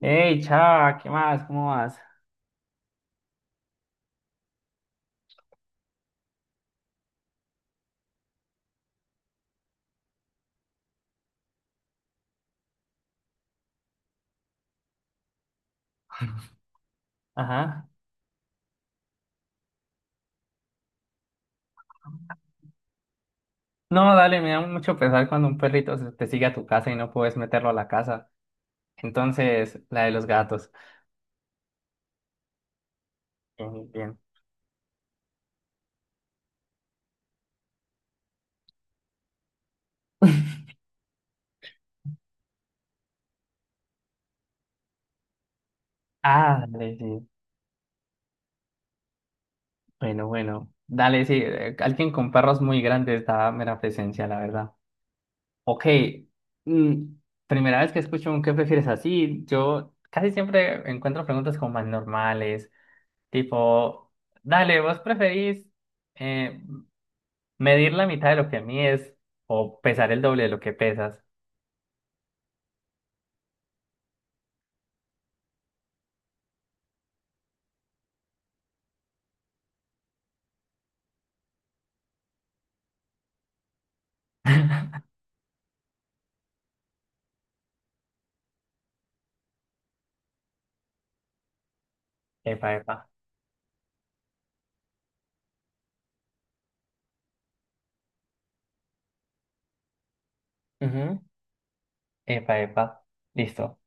Hey, chava, ¿qué más? ¿Cómo vas? Ajá. No, dale, me da mucho pesar cuando un te sigue a tu casa y no puedes meterlo a la casa. Entonces, la de los gatos. Bien, bien. Ah, dale, sí. Bueno, bueno. Dale, sí. Alguien con perros muy grandes da mera presencia, la verdad. Ok. mm, Primera vez que escucho un ¿qué prefieres así? Yo casi siempre encuentro preguntas como más normales. Tipo, dale, ¿vos preferís? eh, Medir la mitad de lo que mides o pesar el doble de lo que pesas. Epa, epa. Ujú. Epa, epa. Listo.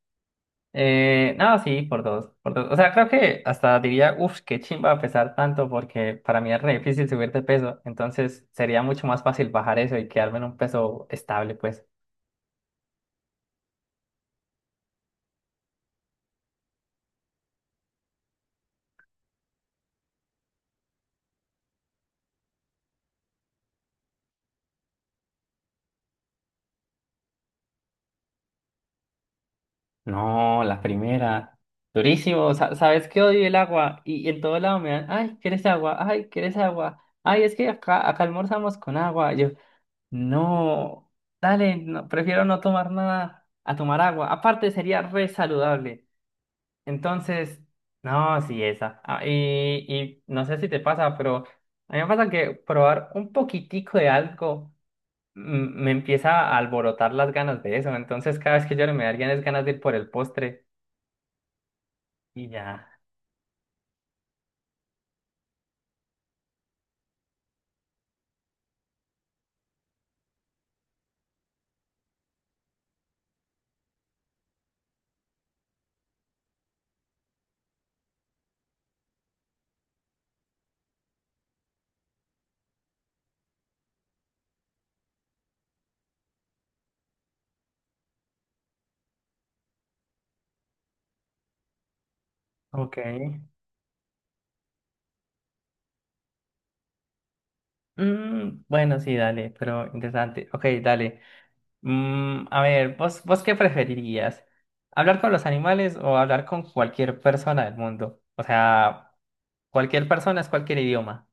No, sí, por dos, por dos. O sea, creo que hasta diría, uff, qué chimba pesar tanto porque para mí es re difícil subir de peso. Entonces sería mucho más fácil bajar eso y quedarme en un peso estable, pues. No, la primera. Durísimo. Sa- ¿Sabes que odio el agua? Y en todo lado me dan, ay, ¿quieres agua? Ay, ¿quieres agua? Ay, es que acá almorzamos con agua. No, dale, no, prefiero no tomar nada a tomar agua. Aparte sería re saludable. Entonces, no, sí, esa. Ah, y no sé si te pasa, pero a mí me pasa que probar un poquitico de algo me empieza a alborotar las ganas de eso. Entonces, cada vez que yo me darían es ganas de ir por el postre y ya. Ok. Bueno, sí, dale, pero interesante. Ok, dale. A ver, ¿vos qué preferirías? ¿Hablar con los animales o hablar con cualquier persona del mundo? O sea, cualquier persona es cualquier idioma.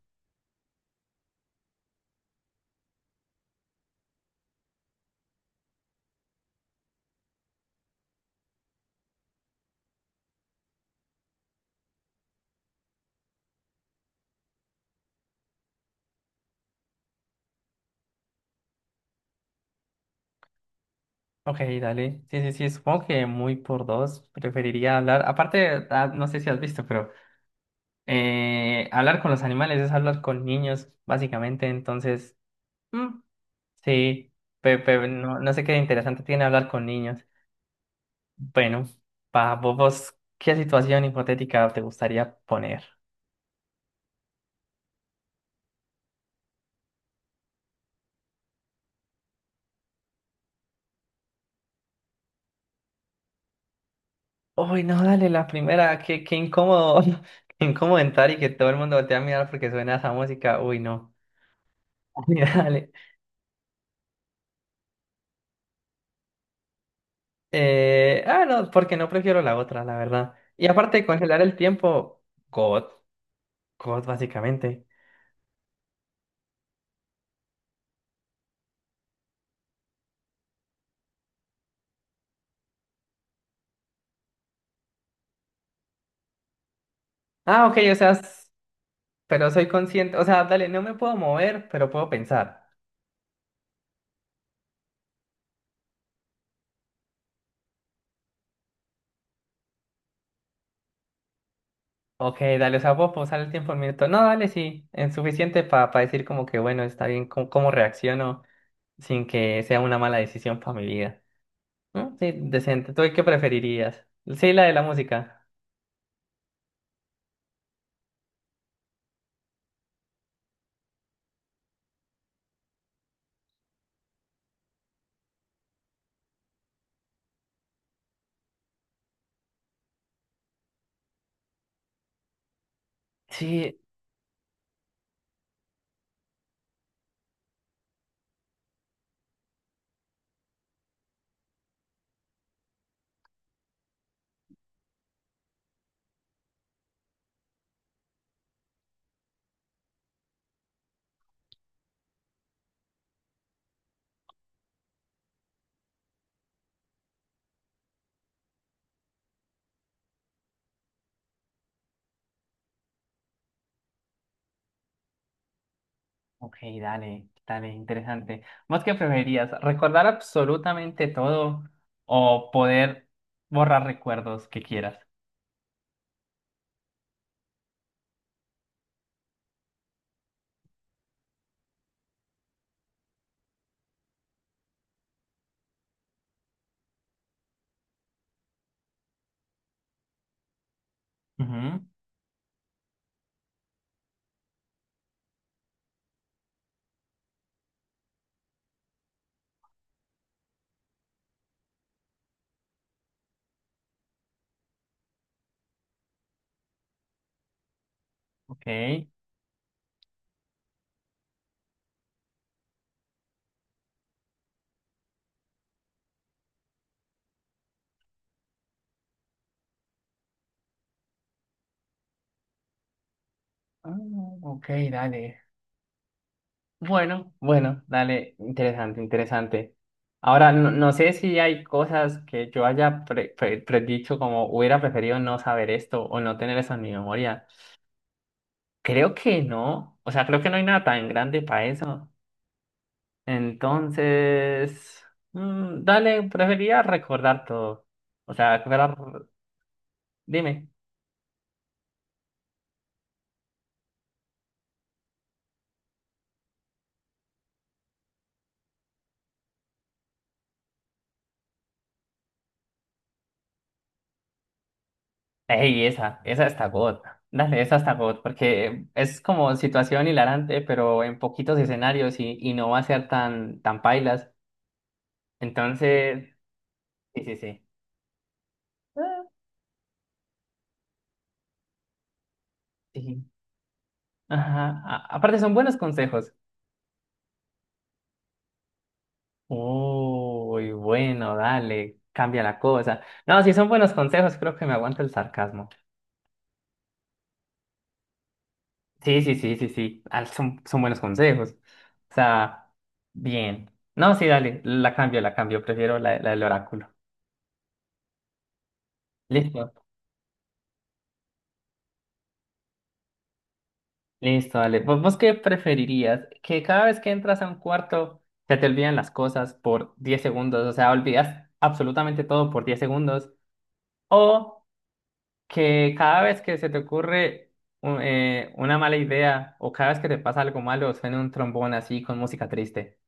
Ok, dale. Sí, sí, sí, supongo que muy por dos preferiría hablar. Aparte, ah, no sé si has visto, pero hablar con los animales es hablar con niños, básicamente. Entonces, mm, sí, pe- no, no sé qué interesante tiene hablar con niños. Bueno, pa, vos, ¿qué situación hipotética te gustaría poner? Uy, no, dale, la primera, qué incómodo, qué incómodo entrar y que todo el mundo voltea a mirar porque suena esa música. Uy, no. Dale. Ah, no, porque no prefiero la otra, la verdad. Y aparte de congelar el tiempo, God, God, básicamente. Ah, ok, o sea, pero soy consciente, o sea, dale, no me puedo mover, pero puedo pensar. Ok, dale, o sea, puedo pausar el tiempo un minuto. No, dale, sí, es suficiente para decir como que, bueno, está bien, cómo reacciono sin que sea una mala decisión para mi vida. ¿No? Sí, decente. ¿Tú qué preferirías? Sí, la de la música. Sí, ok, dale, dale, interesante. ¿Vos qué preferirías? ¿Recordar absolutamente todo o poder borrar recuerdos que quieras? Ujú, ok. Ah, ok, dale. Bueno, bueno, dale, interesante, interesante. Ahora, no, no sé si hay cosas que yo haya predicho como hubiera preferido no saber esto o no tener eso en mi memoria. Creo que no. O sea, creo que no hay nada tan grande para eso. Entonces, dale, prefería recordar todo. O sea, dime. Ey, esa está God. Dale, esa está God, porque es como situación hilarante, pero en poquitos escenarios y no va a ser tan pailas. Entonces, sí, sí, sí. Ah, sí. Ajá. Aparte, son buenos consejos. Uy, bueno, dale, cambia la cosa. No, si son buenos consejos, creo que me aguanto el sarcasmo. Sí, sí, sí, sí, sí, ah, son buenos consejos. O sea, bien. No, sí, dale, la cambio, prefiero la del oráculo. Listo, listo, dale. ¿Vos qué preferirías? Que cada vez que entras a un cuarto se te olvidan las cosas por 10 segundos, o sea, olvidas absolutamente todo por 10 segundos. O que cada vez que se te ocurre una mala idea o cada vez que te pasa algo malo, suene un trombón así con música triste.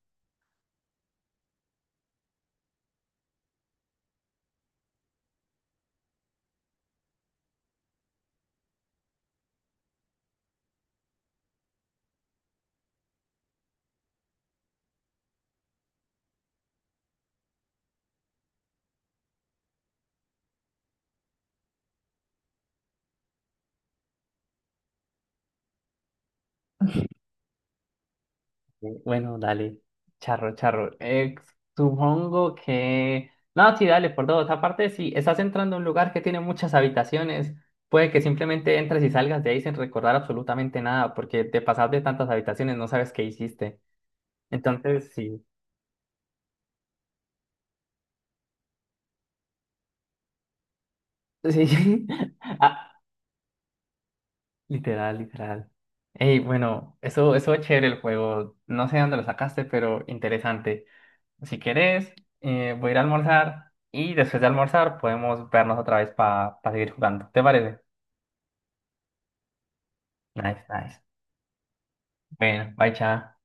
Bueno, dale, charro, charro. Supongo que... No, sí, dale, por dos. Aparte, si estás entrando a un lugar que tiene muchas habitaciones, puede que simplemente entres y salgas de ahí sin recordar absolutamente nada, porque te pasas de tantas habitaciones, no sabes qué hiciste. Entonces, sí. Sí, A- Literal, literal. Ey, bueno, eso es chévere el juego. No sé dónde lo sacaste, pero interesante. Si querés, voy a ir a almorzar y después de almorzar podemos vernos otra vez para seguir jugando. ¿Te parece? Nice, nice. Bueno, bye, chao.